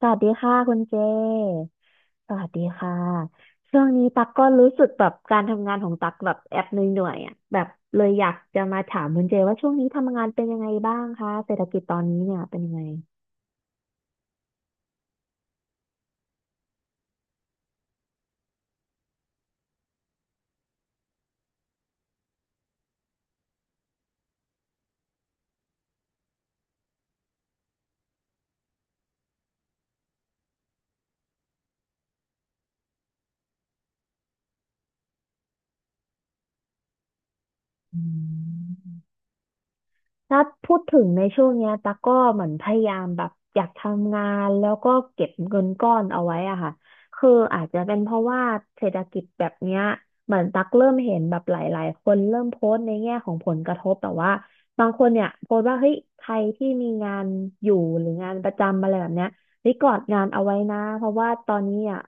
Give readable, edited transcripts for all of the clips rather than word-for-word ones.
สวัสดีค่ะคุณเจ สวัสดีค่ะ ช่วงนี้ตักก็รู้สึกแบบการทำงานของตักแบบแอบเหนื่อยๆอ่ะแบบเลยอยากจะมาถามคุณเจว่าช่วงนี้ทำงานเป็นยังไงบ้างคะเศรษฐกิจตอนนี้เนี่ยเป็นยังไงอืม ถ้าพูดถึงในช่วงเนี้ยตั๊กก็เหมือนพยายามแบบอยากทำงานแล้วก็เก็บเงินก้อนเอาไว้อะค่ะคืออาจจะเป็นเพราะว่าเศรษฐกิจแบบเนี้ยเหมือนตั๊กเริ่มเห็นแบบหลายๆคนเริ่มโพสต์ในแง่ของผลกระทบแต่ว่าบางคนเนี่ยโพสต์ว่าเฮ้ยใครที่มีงานอยู่หรืองานประจำอะไรแบบเนี้ยรีกอดงานเอาไว้นะเพราะว่าตอนนี้อ่ะ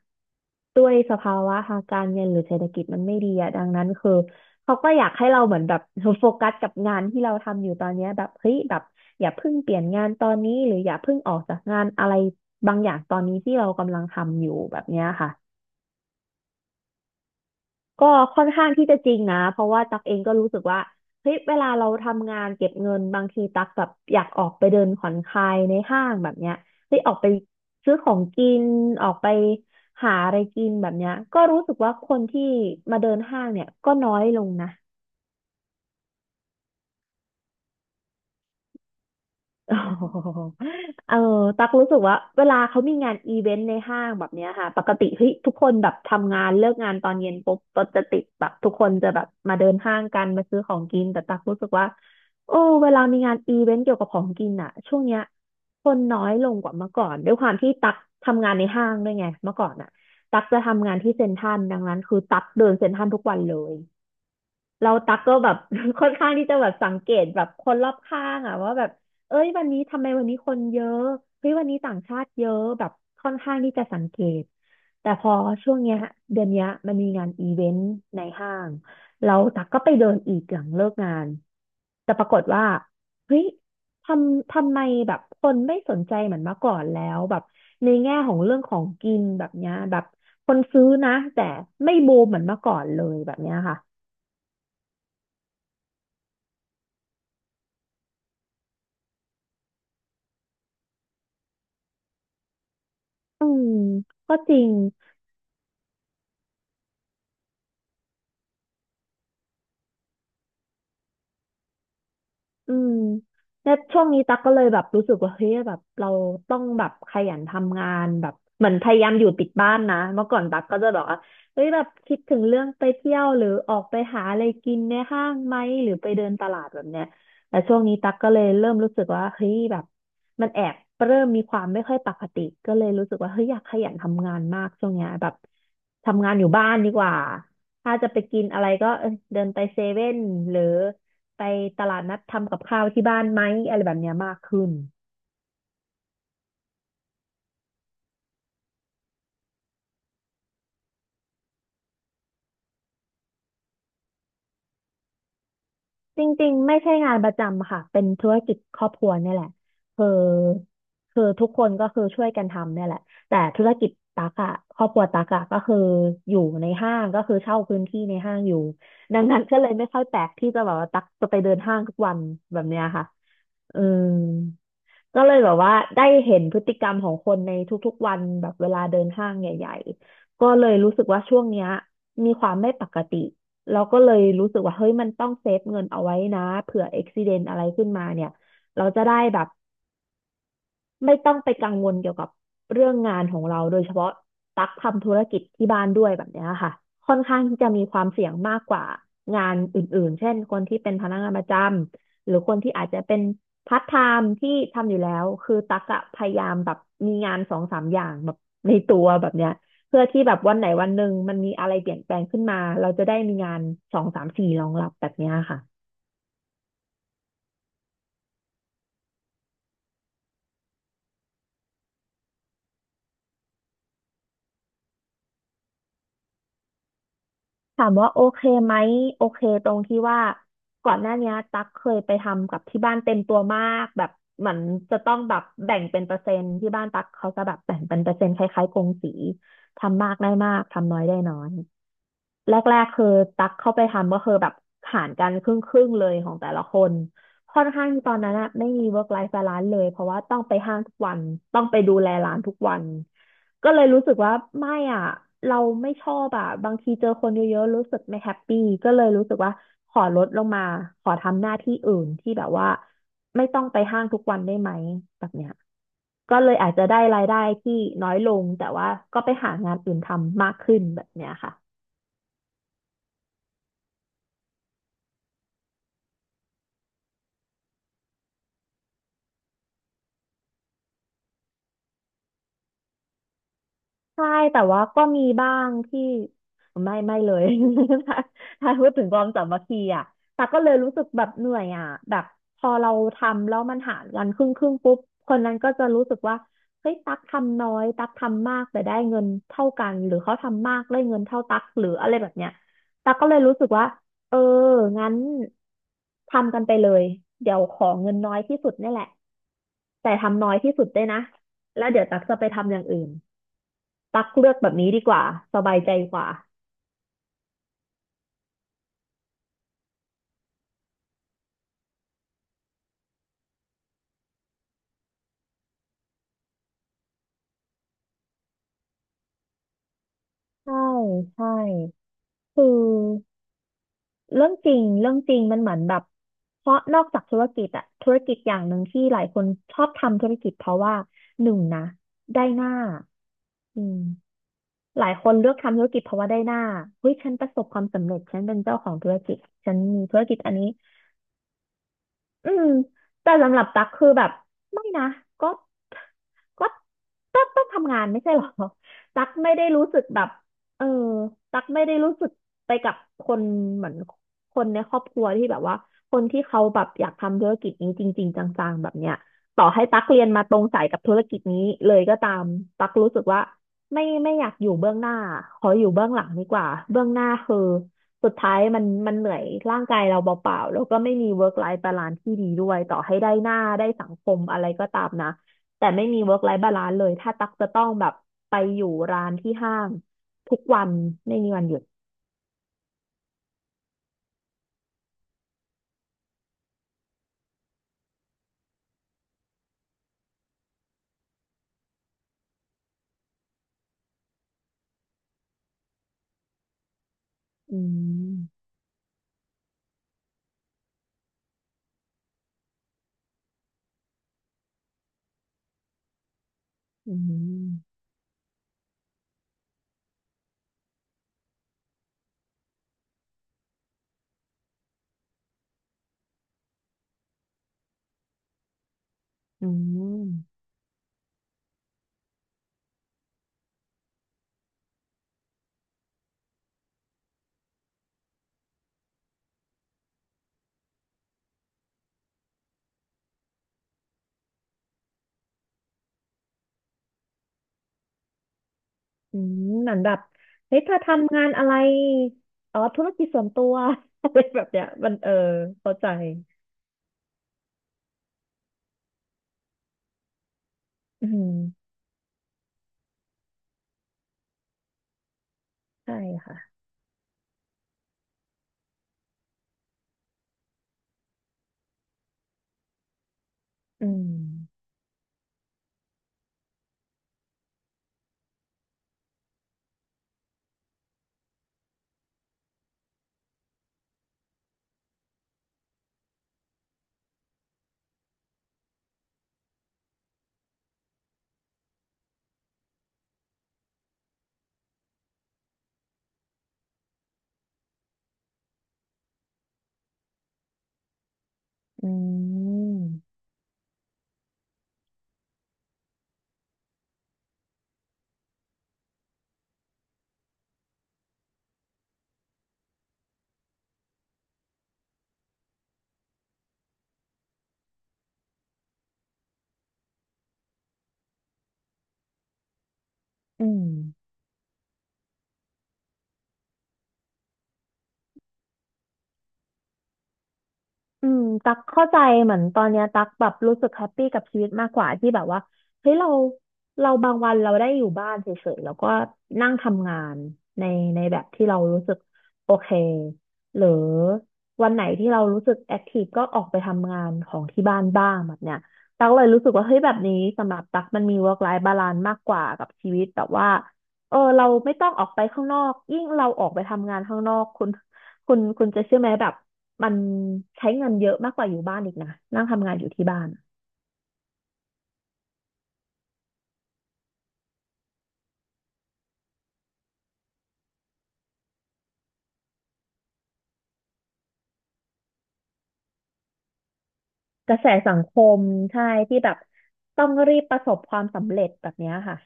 ด้วยสภาวะทางการเงินหรือเศรษฐกิจมันไม่ดีอ่ะดังนั้นคือ เขาก็อยากให้เราเหมือนแบบโฟกัสกับงานที่เราทำอยู่ตอนเนี้ยแบบเฮ้ยแบบอย่าเพิ่งเปลี่ยนงานตอนนี้หรืออย่าเพิ่งออกจากงานอะไรบางอย่างตอนนี้ที่เรากำลังทำอยู่แบบเนี้ยค่ะก็ค่อนข้างที่จะจริงนะเพราะว่าตักเองก็รู้สึกว่าเฮ้ยเวลาเราทำงานเก็บเงินบางทีตักแบบอยากออกไปเดินผ่อนคลายในห้างแบบเนี้ยเฮ้ยออกไปซื้อของกินออกไปหาอะไรกินแบบเนี้ยก็รู้สึกว่าคนที่มาเดินห้างเนี่ยก็น้อยลงนะ โอ้โหอตักรู้สึกว่าเวลาเขามีงานอีเวนต์ในห้างแบบเนี้ยค่ะปกติเฮ้ยทุกคนแบบทำงานเลิกงานตอนเย็นปุ๊บรถจะติดแบบทุกคนจะแบบมาเดินห้างกันมาซื้อของกินแต่ตักรู้สึกว่าโอ้เวลามีงานอีเวนต์เกี่ยวกับของกินอ่ะช่วงเนี้ยคนน้อยลงกว่าเมื่อก่อนด้วยความที่ตักทำงานในห้างด้วยไงเมื่อก่อนอ่ะตักจะทำงานที่เซ็นทรัลดังนั้นคือตักเดินเซ็นทรัลทุกวันเลย เราตักก็แบบ ค่อนข้างที่จะแบบสังเกตแบบคนรอบข้างอะว่าแบบเอ้ยวันนี้ทำไมวันนี้คนเยอะเฮ้ยวันนี้ต่างชาติเยอะแบบค่อนข้างที่จะสังเกตแต่พอช่วงเนี้ยเดือนเนี้ยมันมีงานอีเวนต์ในห้างเราตักก็ไปเดินอีกหลังเลิกงานแต่ปรากฏว่าเฮ้ยทำไมแบบคนไม่สนใจเหมือนเมื่อก่อนแล้วแบบในแง่ของเรื่องของกินแบบเนี้ยแบบคนซื้อนะแต่ไม่บูมเหมือนเมื่อก่อนเลยแบบเนี้ยค่ะ อืมก็จริง อืมแล้วช่วงนี้ตั๊กก็เลยแบบรู้สึกว่าเฮ้ยแบบเราต้องแบบขยันทำงานแบบเหมือนพยายามอยู่ติดบ้านนะเมื่อก่อนตั๊กก็จะบบกว่าเฮ้ยแบบคิดถึงเรื่องไปเที่ยวหรือออกไปหาอะไรกินในห้างไหมหรือไปเดินตลาดแบบเนี้ยแต่ช่วงนี้ตั๊กก็เลยเริ่มรู้สึกว่าเฮ้ยแบบมันแอบเริ่มมีความไม่ค่อยปกติก็เลยรู้สึกว่าเฮ้ยอยากขยันทำงานมากช่วงเนี้ยแบบทำงานอยู่บ้านดีกว่าถ้าจะไปกินอะไรก็เออเดินไปเซเว่นหรือ ไปตลาดนัดทำกับข้าวที่บ้านไหมอะไรแบบเนี้ยมากขึ้น จริงๆไม่ใช่งานประจำค่ะเป็นธุรกิจครอบครัวเนี่ยแหละคือทุกคนก็คือช่วยกันทำเนี่ยแหละแต่ธุรกิจตักอะครอบครัวตักอะก็คืออยู่ในห้างก็คือเช่าพื้นที่ในห้างอยู่ดังนั้นก็เลยไม่ค่อยแปลกที่จะแบบว่าตักจะไปเดินห้างทุกวันแบบเนี้ยค่ะอืมก็เลยแบบว่าได้เห็นพฤติกรรมของคนในทุกๆวันแบบเวลาเดินห้างใหญ่ๆก็เลยรู้สึกว่าช่วงเนี้ยมีความไม่ปกติ เราก็เลยรู้สึกว่าเฮ้ยมันต้องเซฟเงินเอาไว้นะเผื่ออุบัติเหตุอะไรขึ้นมาเนี่ยเราจะได้แบบ ไม่ต้องไปกังวลเกี่ยวกับเรื่องงานของเราโดยเฉพาะตักทำธุรกิจที่บ้านด้วยแบบเนี้ยค่ะค่อนข้างที่จะมีความเสี่ยงมากกว่างานอื่นๆเช่นคนที่เป็นพนักงานประจำหรือคนที่อาจจะเป็นพาร์ทไทม์ที่ทำอยู่แล้วคือตักอะพยายามแบบมีงานสองสามอย่างแบบในตัวแบบเนี้ยเพื่อที่แบบวันไหนวันหนึ่งมันมีอะไรเปลี่ยนแปลงขึ้นมาเราจะได้มีงานสองสามสี่รองรับแบบเนี้ยค่ะ ถามว่าโอเคไหมโอเคตรงที่ว่าก่อนหน้าเนี้ยตั๊กเคยไปทำกับที่บ้านเต็มตัวมากแบบเหมือนจะต้องแบบแบ่งเป็นเปอร์เซ็นต์ที่บ้านตั๊กเขาจะแบบแบ่งเป็นเปอร์เซ็นต์คล้ายๆกงสีทำมากได้มากทำน้อยได้น้อยแรกๆคือตั๊กเข้าไปทำก็คือแบบหารกันครึ่งๆเลยของแต่ละคนค่อนข้างที่ตอนนั้นอะไม่มี work life balance เลยเพราะว่าต้องไปห้างทุกวันต้องไปดูแลร้านทุกวัน ก็เลยรู้สึกว่าไม่อ่ะเราไม่ชอบอ่ะบางทีเจอคนเยอะๆรู้สึกไม่แฮปปี้ก็เลยรู้สึกว่าขอลดลงมาขอทำหน้าที่อื่นที่แบบว่าไม่ต้องไปห้างทุกวันได้ไหมแบบเนี้ยก็เลยอาจจะได้รายได้ที่น้อยลงแต่ว่าก็ไปหางานอื่นทำมากขึ้นแบบเนี้ยค่ะ ใช่แต่ว่าก็มีบ้างที่ไม่เลย ถ้าถ้าพูดถึงความสามัคคีอ่ะแต่ก็เลยรู้สึกแบบเหนื่อยอ่ะแบบพอเราทำแล้วมันหารกันครึ่งครึ่งปุ๊บคนนั้นก็จะรู้สึกว่าเฮ้ยตักทำน้อยตักทำมากแต่ได้เงินเท่ากันหรือเขาทำมากได้เงินเท่าตักหรืออะไรแบบเนี้ยตักก็เลยรู้สึกว่าเอองั้นทำกันไปเลยเดี๋ยวขอเงินน้อยที่สุดนี่แหละแต่ทำน้อยที่สุดด้วยนะแล้วเดี๋ยวตักจะไปทำอย่างอื่น ตักเลือกแบบนี้ดีกว่าสบายใจกว่าใช่ใช่คือเรื่องจริงมันเหมือนแบบเพราะนอกจากธุรกิจอะธุรกิจอย่างหนึ่งที่หลายคนชอบทำธุรกิจเพราะว่าหนึ่งนะได้หน้าอืมหลายคนเลือกทำธุรกิจเพราะว่าได้หน้าเฮ้ยฉันประสบความสำเร็จฉันเป็นเจ้าของธุรกิจฉันมีธุรกิจอันนี้ อืมแต่สำหรับตั๊กคือแบบไม่นะก็ก็ตักต้องทำงานไม่ใช่หรอ ตั๊กไม่ได้รู้สึกแบบเออตั๊กไม่ได้รู้สึกไปกับคนเหมือนคนในครอบครัวที่แบบว่าคนที่เขาแบบอยากทำธุรกิจนี้จริงๆจังๆแบบเนี้ยต่อให้ตั๊กเรียนมาตรงสายกับธุรกิจนี้เลยก็ตามตั๊กรู้สึกว่าไม่อยากอยู่เบื้องหน้าขออยู่เบื้องหลังดีกว่าเบื้องหน้าคือ สุดท้ายมันเหนื่อยร่างกายเราเปล่าๆแล้วก็ไม่มี work life balance ที่ดีด้วยต่อให้ได้หน้าได้สังคมอะไรก็ตามนะแต่ไม่มี work life balance เลยถ้าตักจะต้องแบบไปอยู่ร้านที่ห้างทุกวันไม่มีวันหยุดอืมอืมอืมอืมเหมือนแบบเฮ้ยเธอทำงานอะไรอ๋อธุรกิจส่วนตัว อะไรแบบเนี้ยมันเออเข้าใจอืมใช่ค่ะอืมอืมอืม อืมตักเข้าใจเหมือนตอนเนี้ยตักแบบรู้สึกแฮปปี้กับชีวิตมากกว่าที่แบบว่าเฮ้ยเราเราบางวันเราได้อยู่บ้านเฉยๆแล้วก็นั่งทำงานในในแบบที่เรารู้สึกโอเคหรือวันไหนที่เรารู้สึกแอคทีฟก็ออกไปทำงานของที่บ้านบ้างแบบเนี้ยตักเลยรู้สึกว่าเฮ้ยแบบนี้สำหรับตักมันมี work life balance มากกว่ากับชีวิตแบบว่าเออเราไม่ต้องออกไปข้างนอกยิ่งเราออกไปทำงานข้างนอกคุณจะเชื่อไหมแบบ มันใช้เงินเยอะมากกว่าอยู่บ้านอีกนะนั่งทำงานอยู่ที่บ้านอะกระแสสังคมใช่ที่แบบต้องรีบประสบความสำเร็จแบบเนี้ยค่ะ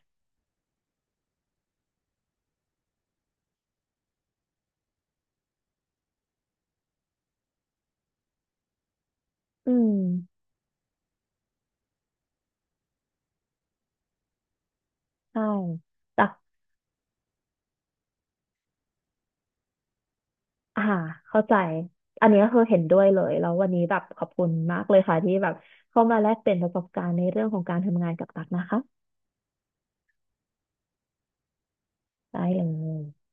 อืมใช่แต่อ่าเข้าใจอันนี้ก็คือเห็นด้วยเลยแล้ววันนี้แบบขอบคุณมากเลยค่ะที่แบบเข้ามาแลกเปลี่ยนประสบการณ์ในเรื่องของการทำงานกับตักนะคะได้เลย